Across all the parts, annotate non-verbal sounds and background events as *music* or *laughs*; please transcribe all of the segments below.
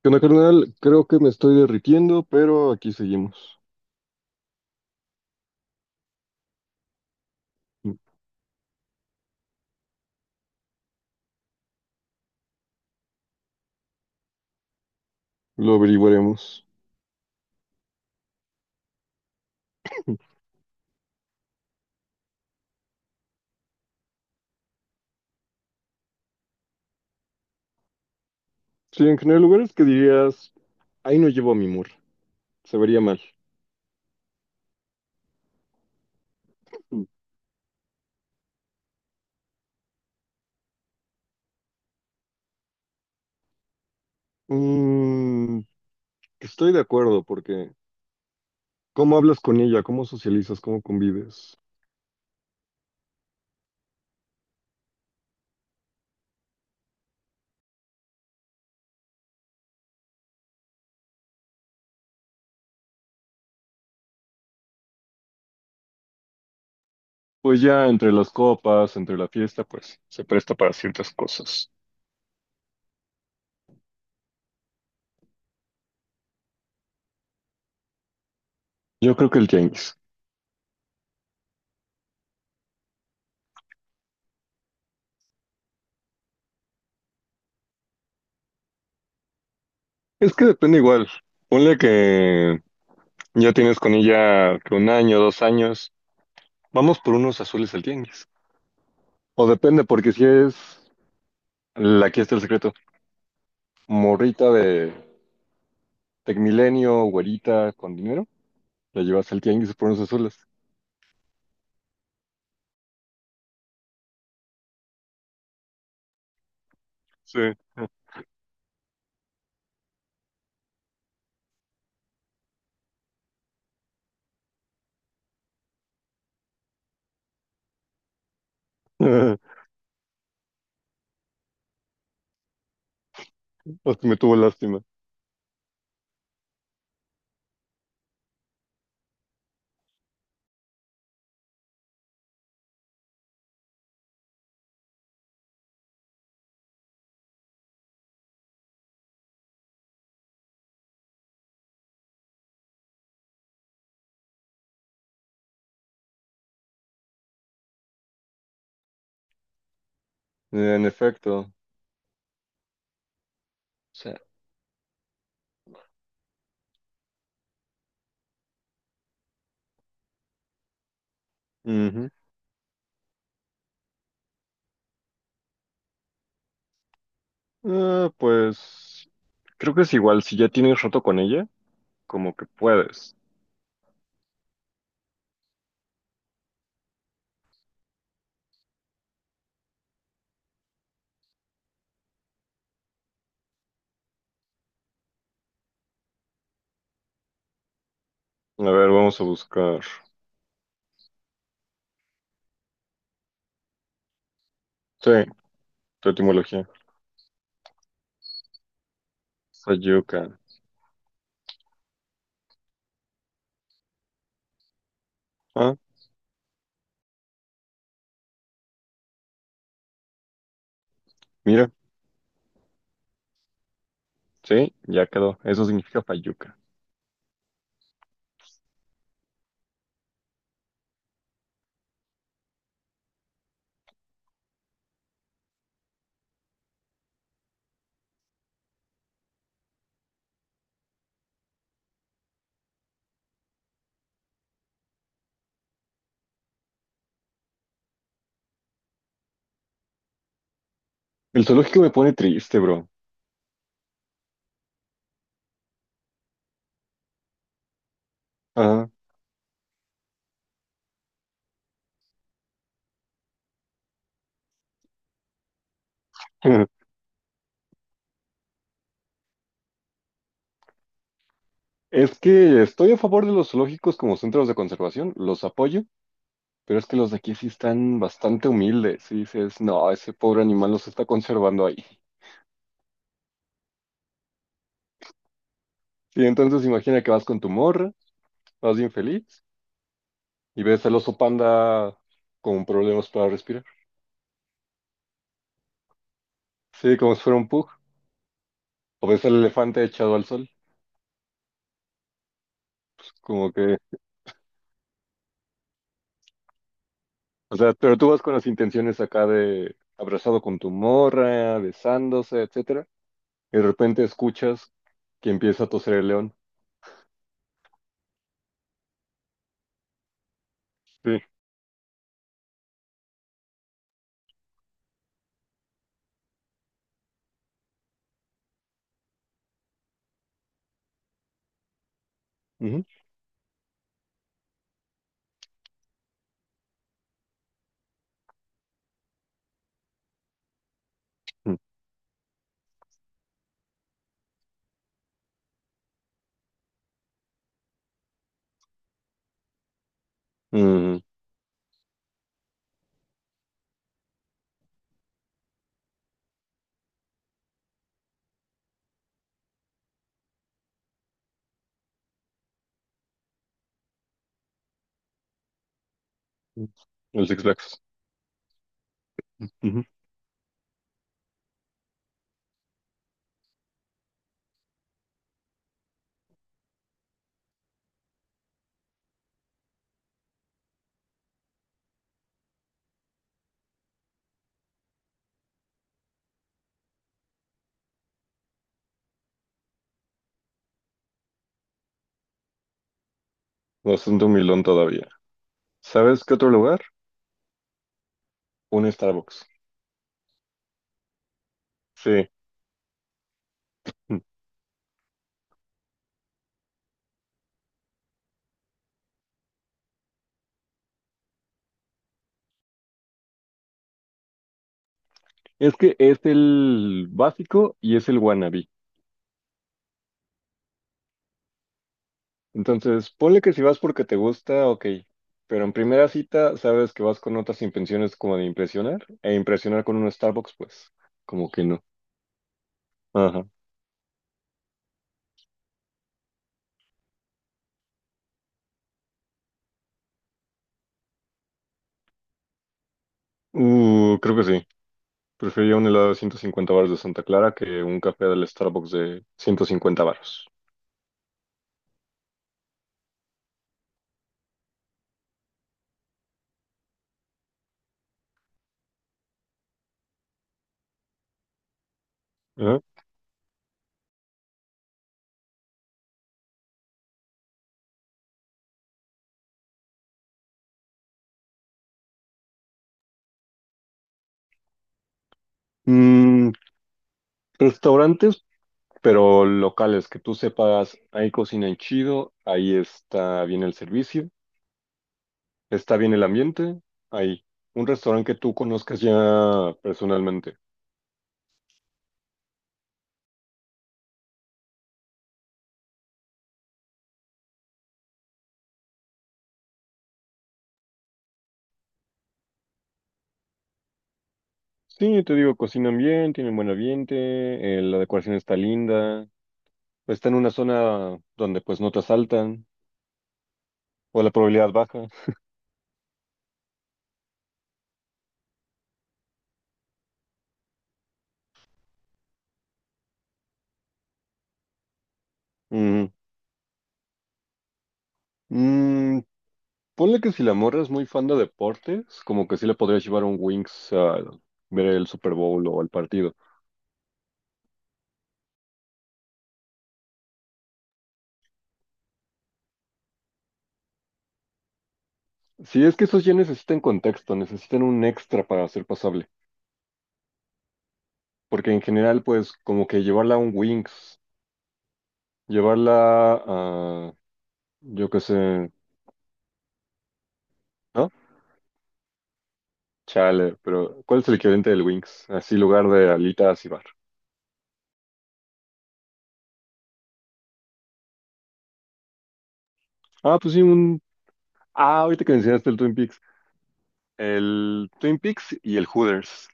¿Qué onda, carnal? Creo que me estoy derritiendo, pero aquí seguimos. Lo averiguaremos. Sí, en general, lugares que dirías, ahí no llevo a mi mur, se vería mal. Mm, estoy de acuerdo, porque ¿cómo hablas con ella? ¿Cómo socializas? ¿Cómo convives? Pues ya entre las copas, entre la fiesta, pues se presta para ciertas cosas. Yo creo que el tianguis. Es que depende igual. Ponle que ya tienes con ella que un año, dos años. Vamos por unos azules al tianguis. O depende, porque si es, la- que está el secreto, morrita de Tecmilenio, güerita, con dinero, la llevas al tianguis por unos azules. Sí. *laughs* Hasta me tuvo lástima. En efecto. Sí. Ujú. Ah, pues creo que es igual, si ya tienes roto con ella, como que puedes. A ver, vamos a buscar. Sí, tu etimología. Fayuca. Ah, mira, sí, ya quedó. Eso significa Fayuca. El zoológico me pone triste, bro. Ajá. *laughs* Es que estoy a favor de los zoológicos como centros de conservación, los apoyo, pero es que los de aquí sí están bastante humildes. Y dices, no, ese pobre animal los está conservando ahí. Sí, entonces imagina que vas con tu morra, vas bien feliz, y ves al oso panda con problemas para respirar. Sí, como si fuera un pug. O ves al elefante echado al sol. Como que, o sea, pero tú vas con las intenciones acá de abrazado con tu morra, besándose, etcétera, y de repente escuchas que empieza a toser el león. Sí. Ujú. Mm, el Six Flags. Ujú. Bastante humilón todavía. ¿Sabes qué otro lugar? Un Starbucks. Sí. Mm. Es que es el básico y es el wannabe. Entonces, ponle que si vas porque te gusta, ok. Pero en primera cita, sabes que vas con otras intenciones como de impresionar. E impresionar con un Starbucks, pues, como que no. Ajá. Creo que sí. Preferiría un helado de 150 baros de Santa Clara que un café del Starbucks de 150 baros. Ajá. Mm, restaurantes, pero locales que tú sepas, ahí cocinan chido, ahí está bien el servicio, está bien el ambiente, ahí. Un restaurante que tú conozcas ya personalmente. Sí, te digo, cocinan bien, tienen buen ambiente, la decoración está linda, está en una zona donde pues no te asaltan o la probabilidad baja. Ujú. Mm, ponle que si la morra es muy fan de deportes, como que sí le podrías llevar un Wings a ver el Super Bowl o el partido. Sí, es que esos ya necesitan contexto, necesitan un extra para ser pasable. Porque en general, pues, como que llevarla a un Wings, llevarla a, yo qué sé, ¿no? Chale, pero ¿cuál es el equivalente del Wings? Así, lugar de alitas y bar. Ah, pues sí, un... Ah, ahorita que mencionaste el Twin Peaks. El Twin Peaks y el Hooters.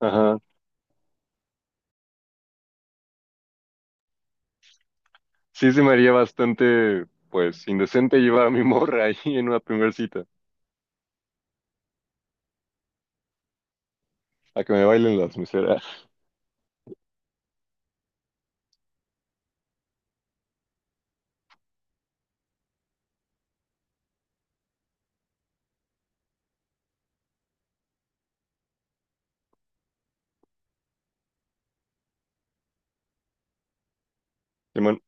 Ajá. Sí, se me haría bastante, pues, indecente llevar a mi *laughs* morra ahí en una primera cita, a que me bailen las meseras. Simón.